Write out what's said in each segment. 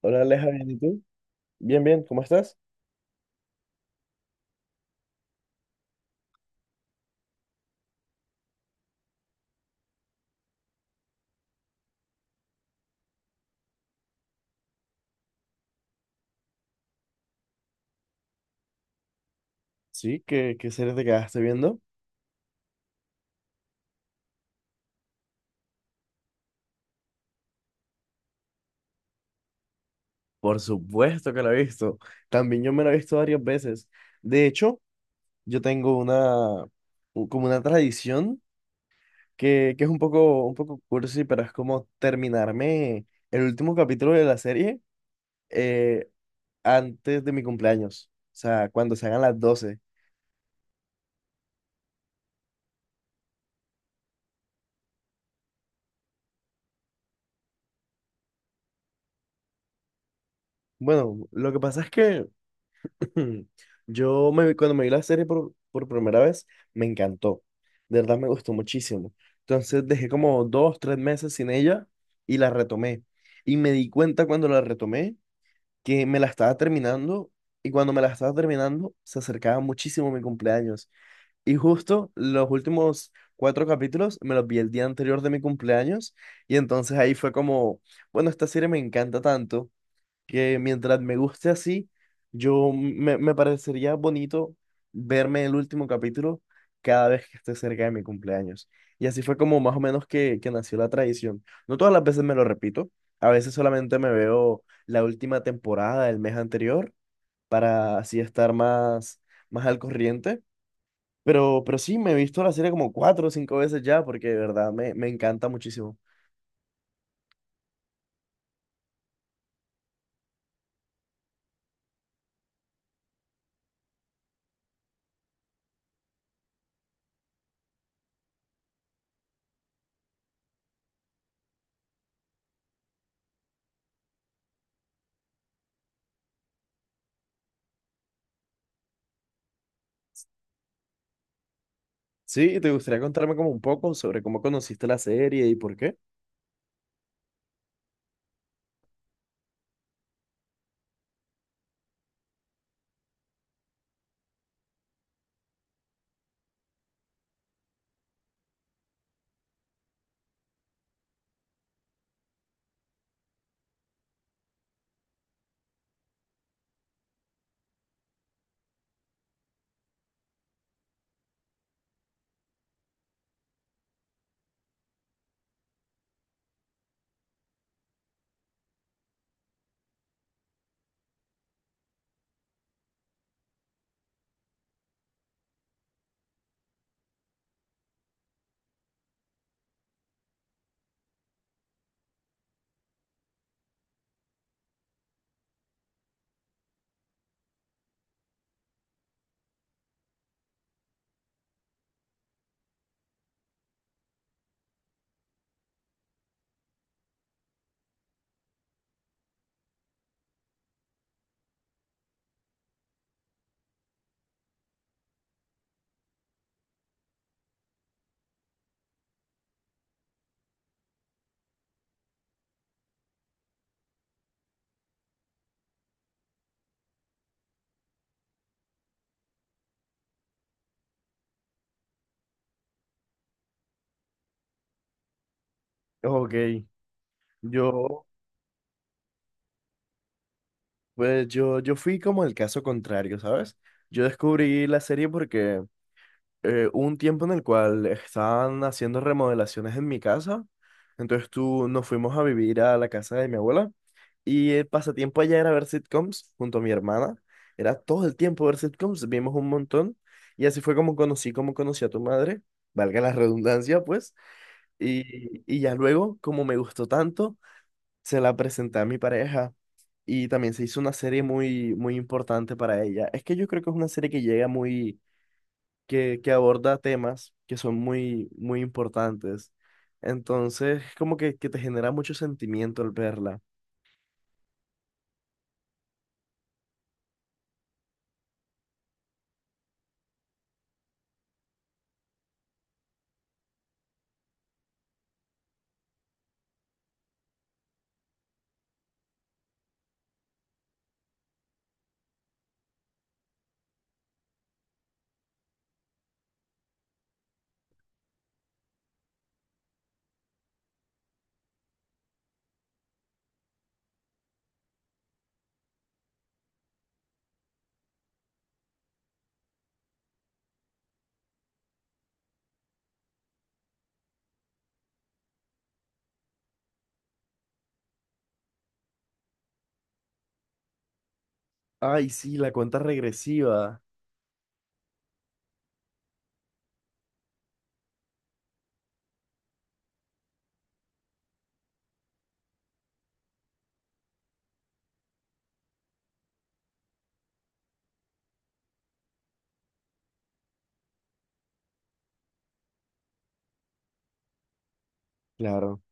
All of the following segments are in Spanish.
Hola Aleja, bien, ¿y tú? Bien, bien, ¿cómo estás? Sí, ¿qué serie te quedaste viendo? Por supuesto que la he visto. También yo me la he visto varias veces. De hecho, yo tengo una, como una tradición que es un poco cursi, pero es como terminarme el último capítulo de la serie eh, antes de mi cumpleaños. O sea, cuando se hagan las doce. Bueno, lo que pasa es que, hmm, cuando me vi la serie por primera vez, me encantó. De verdad me gustó muchísimo. Entonces dejé como dos, tres meses sin ella y la retomé. Y me di cuenta cuando la retomé que me la estaba terminando, y cuando me la estaba terminando se acercaba muchísimo mi cumpleaños. Y justo los últimos cuatro capítulos me los vi el día anterior de mi cumpleaños, y entonces ahí fue como, bueno, esta serie me encanta tanto que mientras me guste así, me parecería bonito verme el último capítulo cada vez que esté cerca de mi cumpleaños. Y así fue como más o menos que nació la tradición. No todas las veces me lo repito, a veces solamente me veo la última temporada del mes anterior para así estar más, más al corriente. Pero sí, me he visto la serie como cuatro o cinco veces ya porque de verdad me encanta muchísimo. Sí, ¿te gustaría contarme como un poco sobre cómo conociste la serie y por qué? Ok. Yo, pues yo fui como el caso contrario, ¿sabes? Yo descubrí la serie porque hubo un tiempo en el cual estaban haciendo remodelaciones en mi casa, entonces tú nos fuimos a vivir a la casa de mi abuela, y el pasatiempo allá era ver sitcoms junto a mi hermana, era todo el tiempo ver sitcoms, vimos un montón, y así fue como conocí a tu madre, valga la redundancia pues. Y, y ya luego como me gustó tanto, se la presenté a mi pareja y también se hizo una serie muy, muy importante para ella. Es que yo creo que es una serie que llega muy, que aborda temas que son muy, muy importantes. Entonces, como que te genera mucho sentimiento al verla. Ay, sí, la cuenta regresiva. Claro.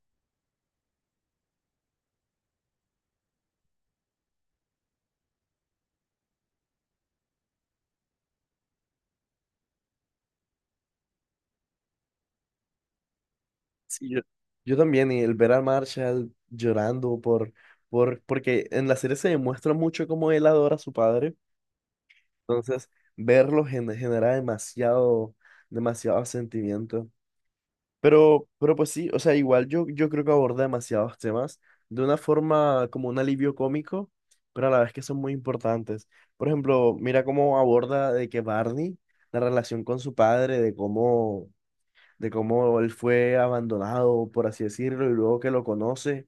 Sí, yo también, y el ver a Marshall llorando por, porque en la serie se demuestra mucho cómo él adora a su padre. Entonces, verlo genera demasiado, demasiado sentimiento. Pero pues sí, o sea, igual yo creo que aborda demasiados temas de una forma como un alivio cómico, pero a la vez que son muy importantes. Por ejemplo, mira cómo aborda de que Barney, la relación con su padre, de cómo él fue abandonado, por así decirlo, y luego que lo conoce,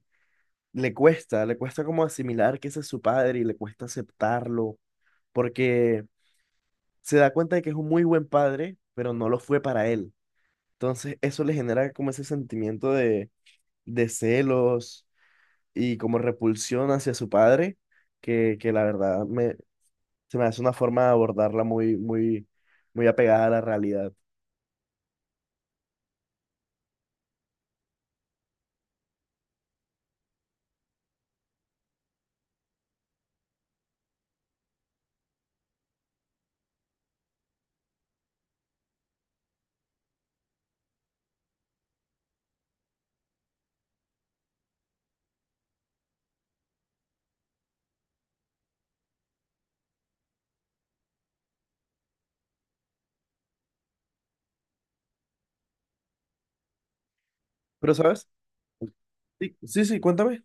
le cuesta como asimilar que ese es su padre y le cuesta aceptarlo, porque se da cuenta de que es un muy buen padre, pero no lo fue para él. Entonces, eso le genera como ese sentimiento de celos y como repulsión hacia su padre, que la verdad se me hace una forma de abordarla muy, muy, muy apegada a la realidad. Pero, ¿sabes? Sí, sí, sí, cuéntame.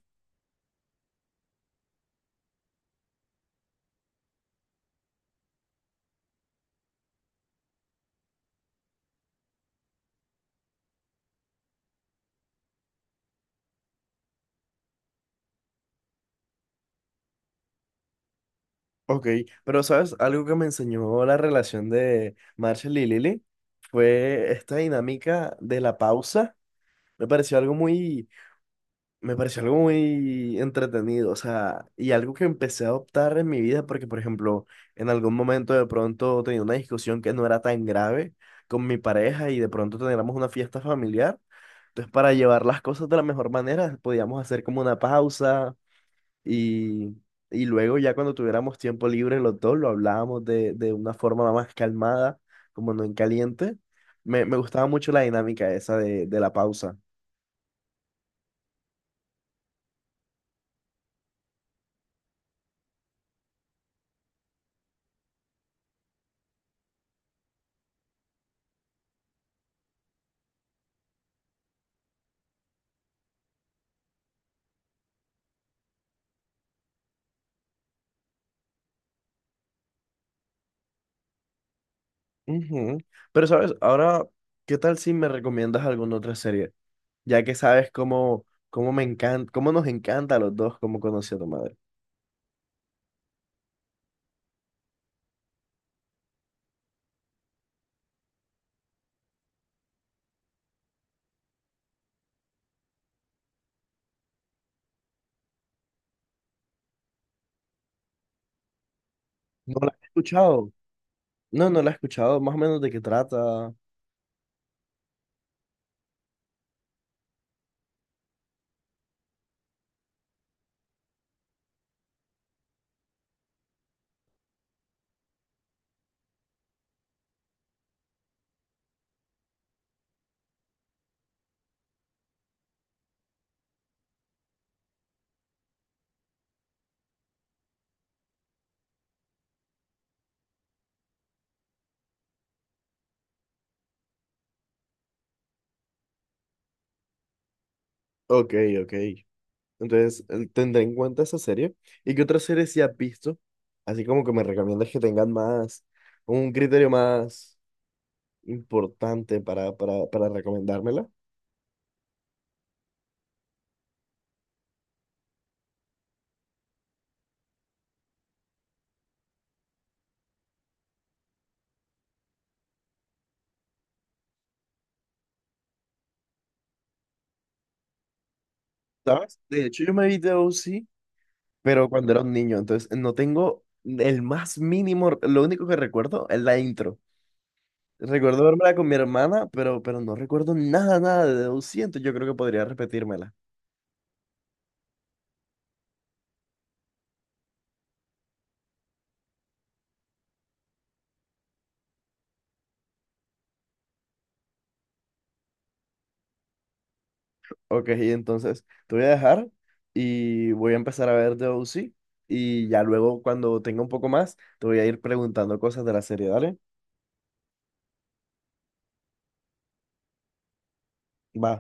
Ok, pero, ¿sabes? Algo que me enseñó la relación de Marshall y Lily fue esta dinámica de la pausa. Me pareció algo muy... Me pareció algo muy entretenido, o sea, y algo que empecé a adoptar en mi vida, porque, por ejemplo, en algún momento de pronto tenía una discusión que no era tan grave con mi pareja y de pronto teníamos una fiesta familiar. Entonces, para llevar las cosas de la mejor manera, podíamos hacer como una pausa y, y luego ya cuando tuviéramos tiempo libre los dos, lo hablábamos de una forma más calmada, como no en caliente. Me gustaba mucho la dinámica esa de la pausa. Ujú. Pero sabes, ahora, ¿qué tal si me recomiendas alguna otra serie? Ya que sabes cómo, cómo me encanta, cómo nos encanta a los dos, cómo conocí a tu madre. No la he escuchado. No, no la he escuchado. Más o menos de qué trata. Ok, ok. Entonces, tendré en cuenta esa serie. ¿Y qué otras series sí has visto? Así como que me recomiendas que tengan más, un criterio más importante para recomendármela. ¿Sabes? De hecho, yo me vi The OC, pero cuando era un niño, entonces no tengo el más mínimo, lo único que recuerdo es la intro. Recuerdo verla con mi hermana, pero no recuerdo nada, nada de Debussy, yo creo que podría repetírmela. Ok, entonces te voy a dejar y voy a empezar a ver Debussy, y ya luego cuando tenga un poco más te voy a ir preguntando cosas de la serie, ¿dale? Va.